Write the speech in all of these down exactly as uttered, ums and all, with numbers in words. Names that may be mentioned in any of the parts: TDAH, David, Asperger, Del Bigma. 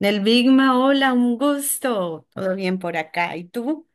Del Bigma, hola, un gusto. Todo bien por acá. ¿Y tú?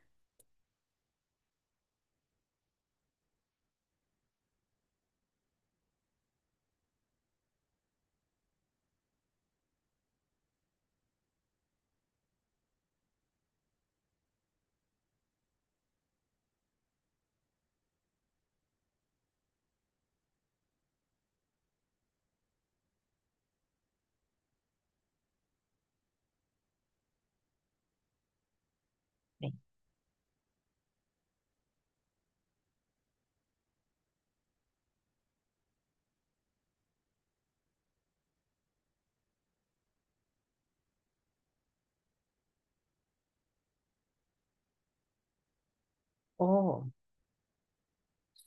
Oh,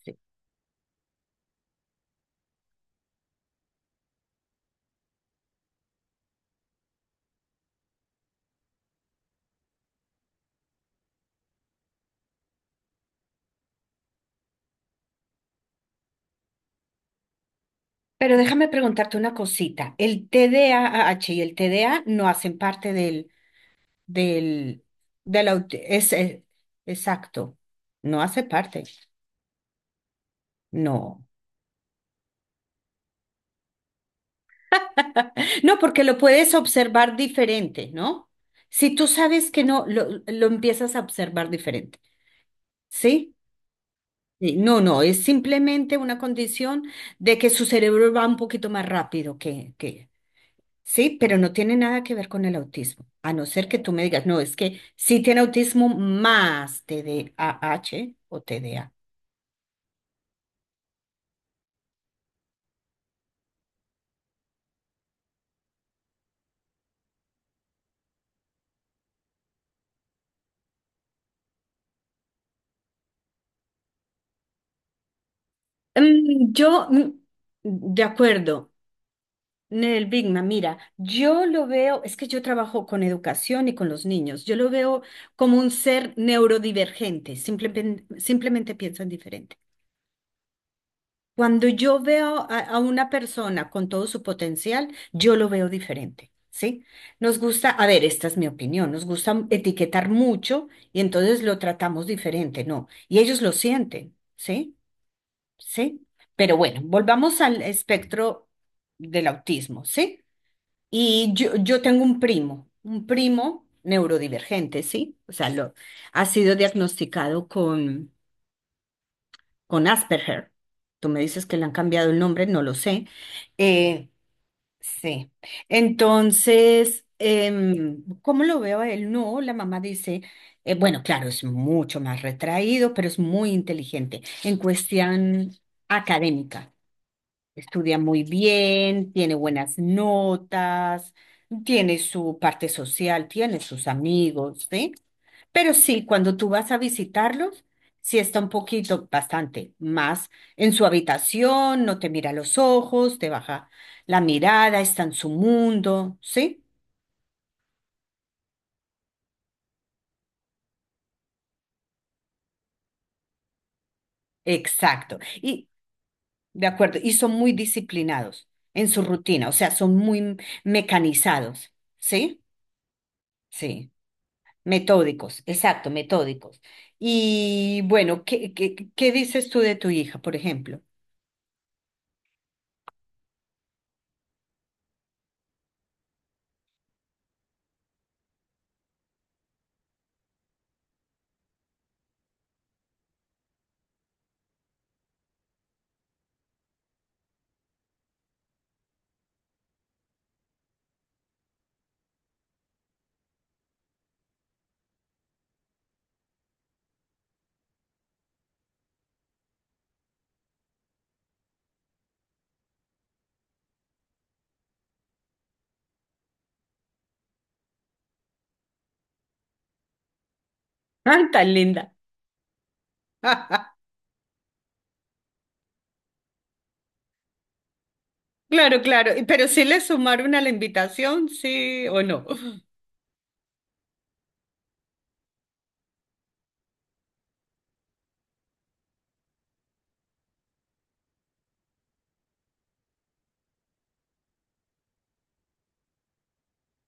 sí. Pero déjame preguntarte una cosita. El T D A H y el T D A no hacen parte del, del, del aut- es, es- Exacto. No hace parte. No. No, porque lo puedes observar diferente, ¿no? Si tú sabes que no, lo, lo empiezas a observar diferente, ¿sí? Sí, no, no, es simplemente una condición de que su cerebro va un poquito más rápido que, que, Sí, pero no tiene nada que ver con el autismo, a no ser que tú me digas, no, es que sí tiene autismo más T D A H o T D A. Mm, yo, mm, de acuerdo, Nel Bigma, mira, yo lo veo, es que yo trabajo con educación y con los niños, yo lo veo como un ser neurodivergente, simplemente, simplemente piensan diferente. Cuando yo veo a, a una persona con todo su potencial, yo lo veo diferente, ¿sí? Nos gusta, a ver, esta es mi opinión, nos gusta etiquetar mucho y entonces lo tratamos diferente, ¿no? Y ellos lo sienten, ¿sí? ¿Sí? Pero bueno, volvamos al espectro del autismo, ¿sí? Y yo, yo tengo un primo, un primo, neurodivergente, ¿sí? O sea, lo, ha sido diagnosticado con con Asperger. Tú me dices que le han cambiado el nombre, no lo sé. Eh, sí. Entonces, em, ¿cómo lo veo a él? No, la mamá dice, eh, bueno, claro, es mucho más retraído, pero es muy inteligente en cuestión académica. Estudia muy bien, tiene buenas notas, tiene su parte social, tiene sus amigos, ¿sí? Pero sí, cuando tú vas a visitarlos, sí está un poquito, bastante más en su habitación, no te mira a los ojos, te baja la mirada, está en su mundo, ¿sí? Exacto. Y, de acuerdo, y son muy disciplinados en su rutina, o sea, son muy mecanizados, ¿sí? Sí. Metódicos, exacto, metódicos. Y bueno, ¿qué, qué, qué dices tú de tu hija, por ejemplo? Ay, tan linda. Claro, claro. Y- Pero si le sumaron a la invitación, sí o no.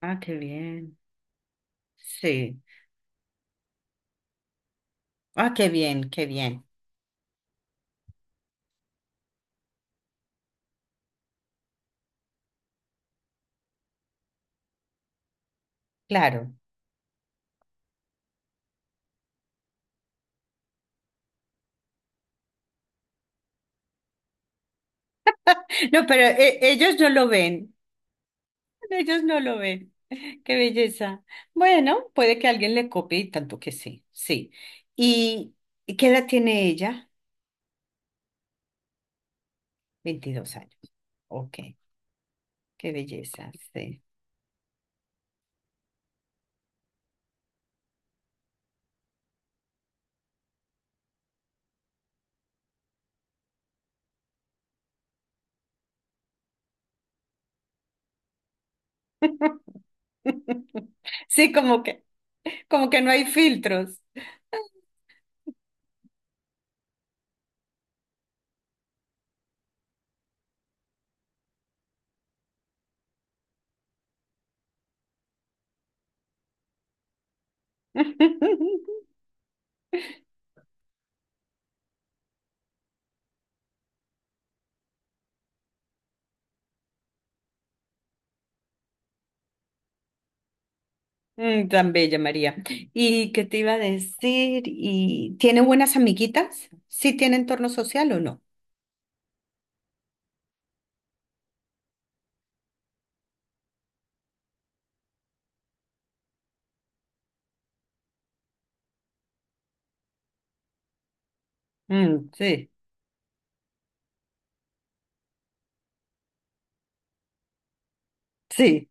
Ah, qué bien. Sí. Ah, qué bien, qué bien. Claro. No, pero eh, ellos no lo ven. Ellos no lo ven. Qué belleza. Bueno, puede que alguien le copie y tanto que sí. Sí. ¿Y y qué edad tiene ella? Veintidós años. Ok. Qué belleza, sí. Sí, como que, como que no hay filtros. Mm, Tan bella, María. ¿Y qué te iba a decir? ¿Y tiene buenas amiguitas? ¿Sí tiene entorno social o no? Mm, sí, sí,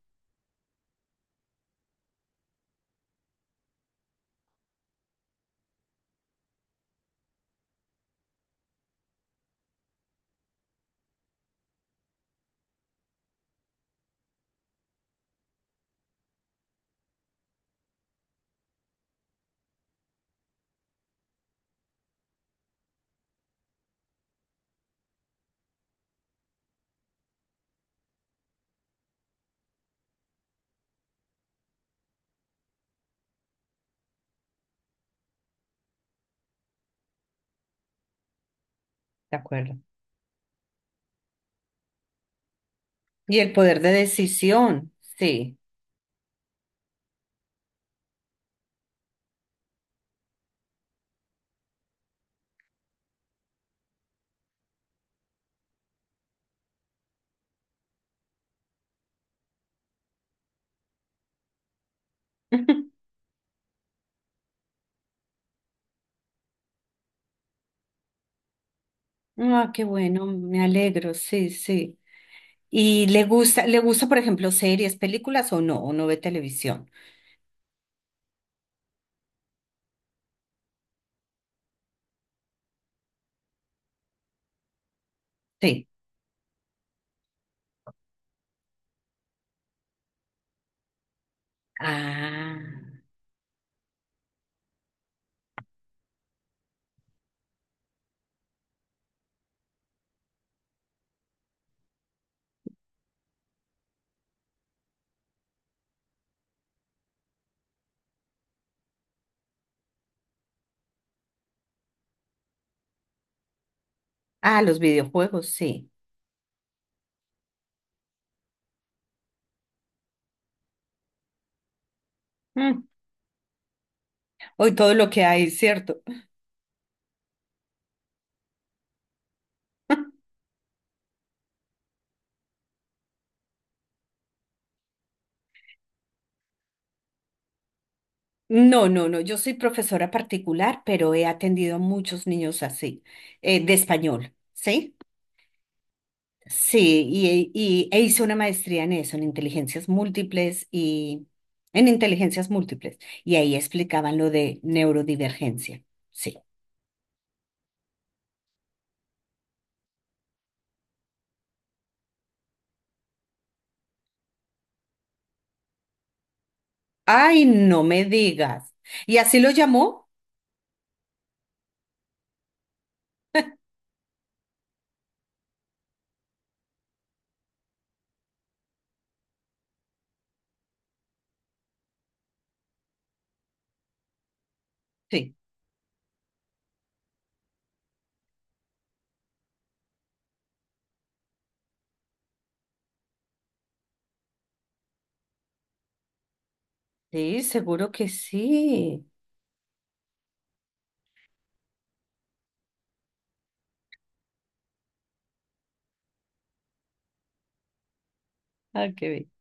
de acuerdo. Y el poder de decisión, sí. Ah, qué bueno, me alegro, sí, sí. ¿Y le gusta, le gusta, por ejemplo, series, películas o no? ¿O no ve televisión? Sí. Ah, ah, los videojuegos, sí. Mm, Hoy todo lo que hay, ¿cierto? No, no, no, yo soy profesora particular, pero he atendido a muchos niños así, eh, de español, ¿sí? Sí, y, y- e hice una maestría en eso, en inteligencias múltiples y en inteligencias múltiples. Y ahí explicaban lo de neurodivergencia. Sí. Ay, no me digas. ¿Y así lo llamó? Sí. Sí, seguro que sí. Ah, qué bien.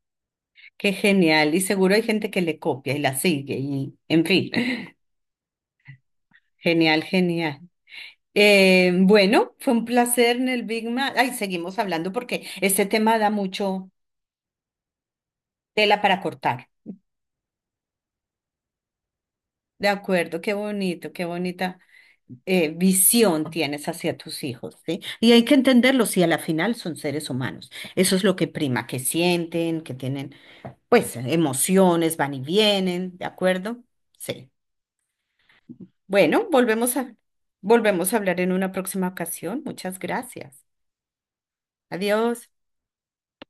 Qué genial. Y seguro hay gente que le copia y la sigue. Y, en fin, genial, genial. Eh, bueno, fue un placer en el Big Mac. Ay, seguimos hablando porque este tema da mucho tela para cortar. De acuerdo, qué bonito, qué bonita eh, visión tienes hacia tus hijos, ¿sí? Y hay que entenderlos, si a la final son seres humanos. Eso es lo que prima, que sienten, que tienen, pues, emociones, van y vienen, ¿de acuerdo? Sí. Bueno, volvemos a, volvemos a hablar en una próxima ocasión. Muchas gracias. Adiós.